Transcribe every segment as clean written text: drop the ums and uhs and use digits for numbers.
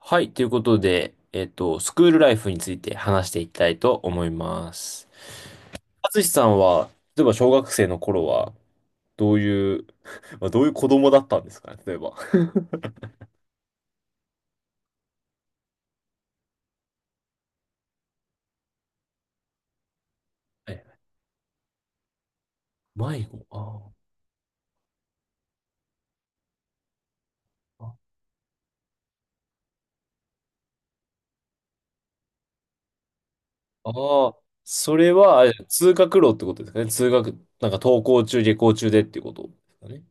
はい、ということで、スクールライフについて話していきたいと思います。淳さんは、例えば小学生の頃は、どういう、まあ、どういう子供だったんですかね、例えば。え、迷子、あーあー、それは、あれ通学路ってことですかね。なんか登校中、下校中でっていうことですかね。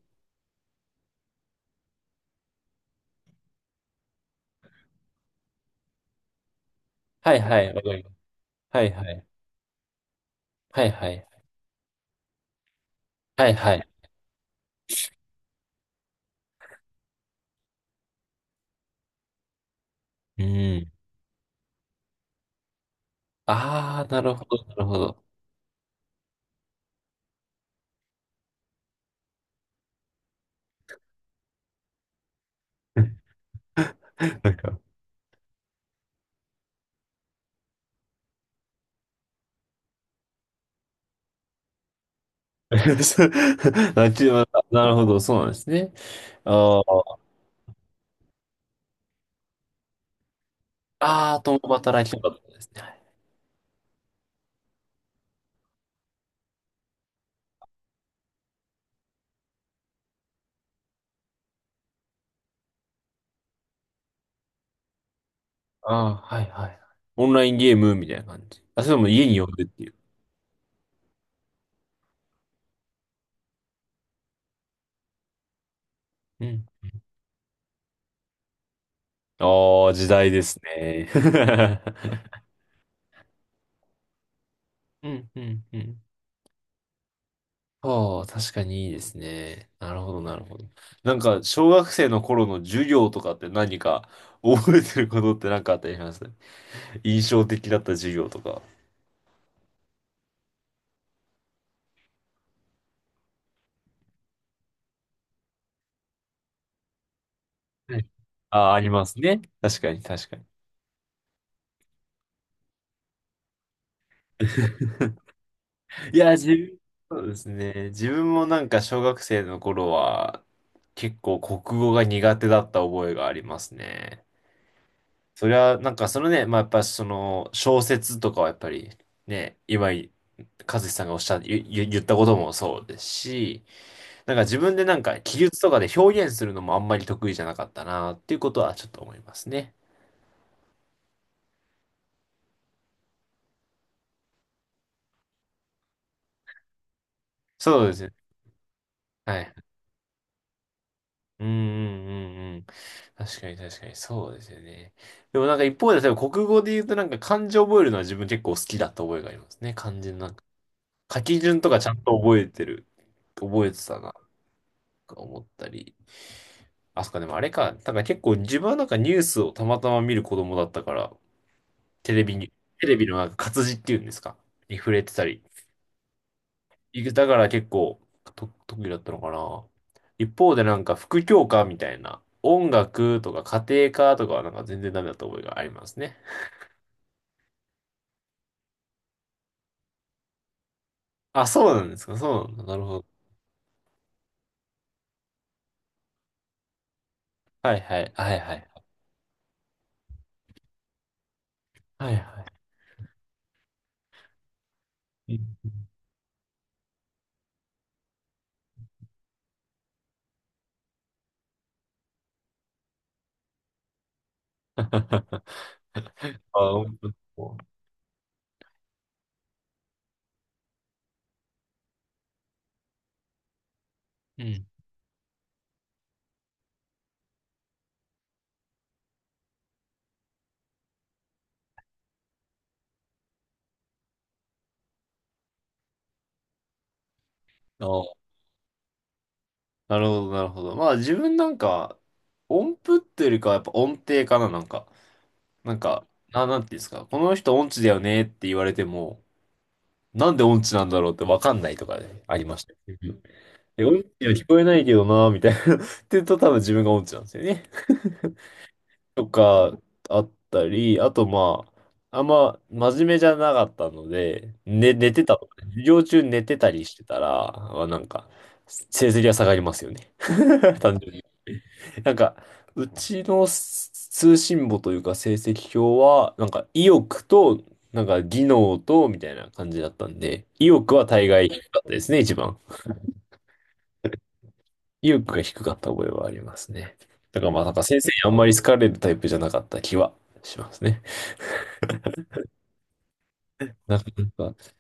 はいはい、わかります。はいはい。はいはい。はいはい。うん。ああ、なるほど、なるほど。あちななるほど、そうなんですね。あーあー、共働きとかだったんですね。ああー、はいはい。オンラインゲームみたいな感じ。あ、それも家に呼んでっていう。うん。ああ、時代ですね。うん、うん、うん。ああ、確かにいいですね。なるほど、なるほど。なんか、小学生の頃の授業とかって何か覚えてることって何かあったりします。印象的だった授業とか。はい。ああ、ありますね。確かに、確かに。いや、そうですね。自分もなんか小学生の頃は結構国語が苦手だった覚えがありますね。それはなんかそのね、まあやっぱその小説とかはやっぱりね、和志さんがおっしゃ、言、言言ったこともそうですし、なんか自分でなんか記述とかで表現するのもあんまり得意じゃなかったなっていうことはちょっと思いますね。そうですね。はい。うんうんうんうん。確かに確かに、そうですよね。でもなんか一方で、例えば国語で言うとなんか漢字覚えるのは自分結構好きだった覚えがありますね。漢字のなんか書き順とかちゃんと覚えてたな、とか思ったり。あ、そっか、でもあれか、なんか結構自分はなんかニュースをたまたま見る子供だったから、テレビに、テレビのなんか活字っていうんですか、に触れてたりいくだから結構と特技だったのかな。一方でなんか副教科みたいな、音楽とか家庭科とかはなんか全然ダメだった覚えがありますね。あ、そうなんですか、そうなんだ。なるほど。はいはい、はいはい。はいはい。あ、音符。うん。あ、なるほど、なるほど。まあ自分なんか、音符っていうよりかはやっぱ音程かな、なんか。なんか、なんていうんですか。この人音痴だよねって言われても、なんで音痴なんだろうってわかんないとかね、ありました。うん。で音痴には聞こえないけどな、みたいな。って言うと多分自分が音痴なんですよね。とか、あったり、あとまあ、あんま真面目じゃなかったので、ね、寝てたとかね、授業中寝てたりしてたら、まあ、なんか、成績が下がりますよね。単純に。なんか、うちの通信簿というか成績表は、なんか意欲と、なんか技能と、みたいな感じだったんで、意欲は大概低かったですね、一番。意欲が低かった覚えはありますね。だからまあなんか先生にあんまり好かれるタイプじゃなかった気はしますね。なんか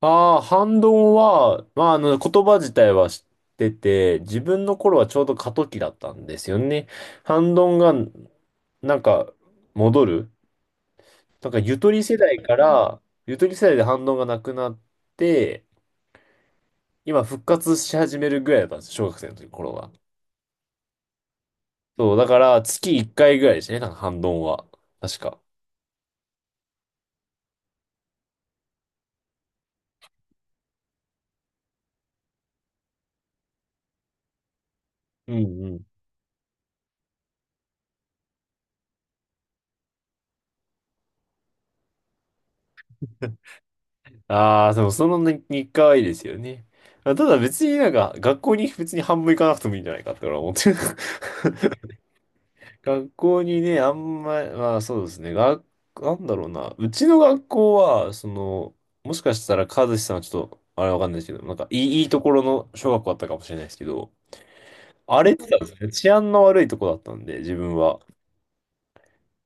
ああ、反動は、まああの言葉自体は知ってて、自分の頃はちょうど過渡期だったんですよね。反動がなんか戻る。なんかゆとり世代から、ゆとり世代で反動がなくなって、今復活し始めるぐらいだったんです小学生の時頃は。そう、だから月1回ぐらいですね、なんか反動は。確か。うん。ああ、でもその日日課はいいですよね。あ、ただ別になんか学校に別に半分行かなくてもいいんじゃないかって俺は思ってる。学校にね、あんま、まあそうですね。なんだろうな。うちの学校は、その、もしかしたら和志さんはちょっと、あれわかんないですけど、なんかいいところの小学校だったかもしれないですけど、荒れてたんですね。治安の悪いとこだったんで、自分は。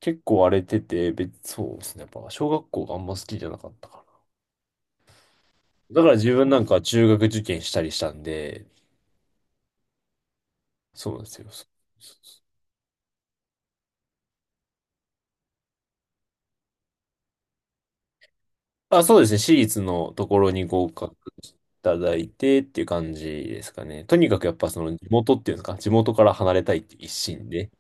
結構荒れてて、そうですね。やっぱ小学校があんま好きじゃなかったかな。だから自分なんか中学受験したりしたんで、そうなんですよ。そうそうそう。あ、そうですね。私立のところに合格いただいてっていう感じですかね。とにかくやっぱその地元っていうんですか、地元から離れたいっていう一心で、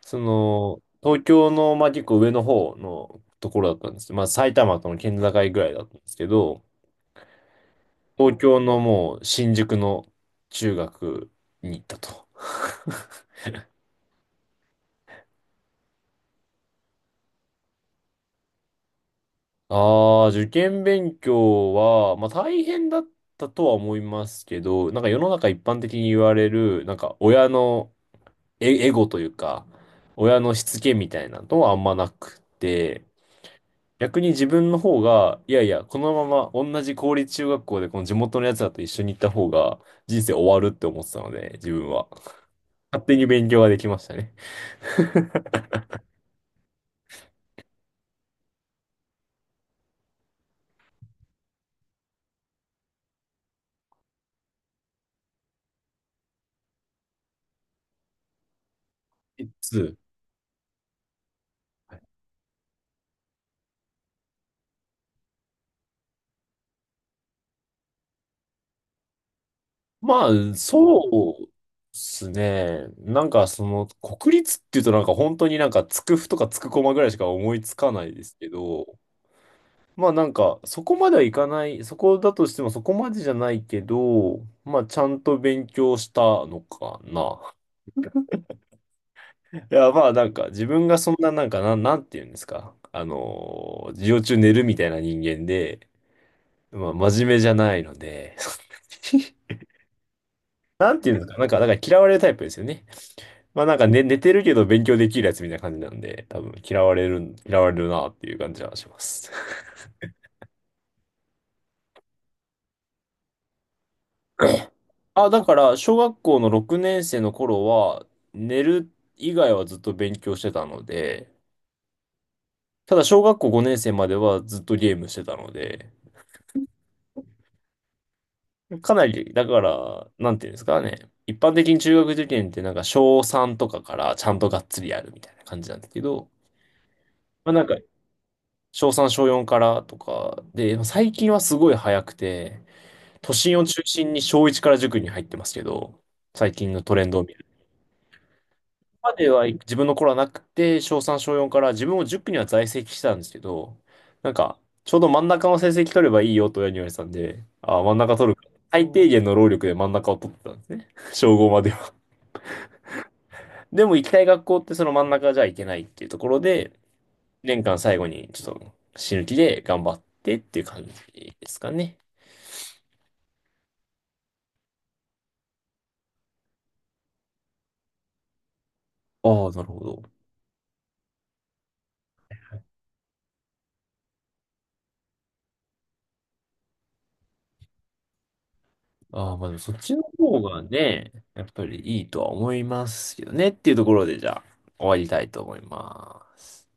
その、東京の、まあ、結構上の方のところだったんですけど、まあ、埼玉との県境ぐらいだったんですけど、東京のもう新宿の中学に行ったと。ああ、受験勉強は、まあ大変だったとは思いますけど、なんか世の中一般的に言われる、なんか親のエゴというか、親のしつけみたいなのはあんまなくて、逆に自分の方が、いやいや、このまま同じ公立中学校でこの地元のやつらと一緒に行った方が人生終わるって思ってたので、自分は。勝手に勉強ができましたね。いつまあ、そうですね。なんかその、国立っていうとなんか本当になんかつくふとかつくこまぐらいしか思いつかないですけど、まあなんかそこまではいかない、そこだとしてもそこまでじゃないけど、まあちゃんと勉強したのかな。いやまあなんか自分がそんななんかなんて言うんですか。授業中寝るみたいな人間で、まあ真面目じゃないので、なんて言うんですか。なんか、だから嫌われるタイプですよね。まあなんか寝てるけど勉強できるやつみたいな感じなんで、多分嫌われるなっていう感じはします。あ、だから小学校の6年生の頃は寝る以外はずっと勉強してたので、ただ小学校5年生まではずっとゲームしてたので、かなり、だから、なんていうんですかね。一般的に中学受験ってなんか小3とかからちゃんとがっつりやるみたいな感じなんですけど、まあなんか小3小4からとかで、最近はすごい早くて、都心を中心に小1から塾に入ってますけど、最近のトレンドを見るまでは自分の頃はなくて、小3、小4から自分も塾には在籍してたんですけど、なんか、ちょうど真ん中の成績取ればいいよと親に言われてたんで、ああ、真ん中取るか。最低限の労力で真ん中を取ってたんですね。小5までは。でも行きたい学校ってその真ん中じゃいけないっていうところで、年間最後にちょっと死ぬ気で頑張ってっていう感じですかね。ああ、なるほど。ああ、まあでもそっちの方がね、やっぱりいいとは思いますよねっていうところで、じゃあ、終わりたいと思います。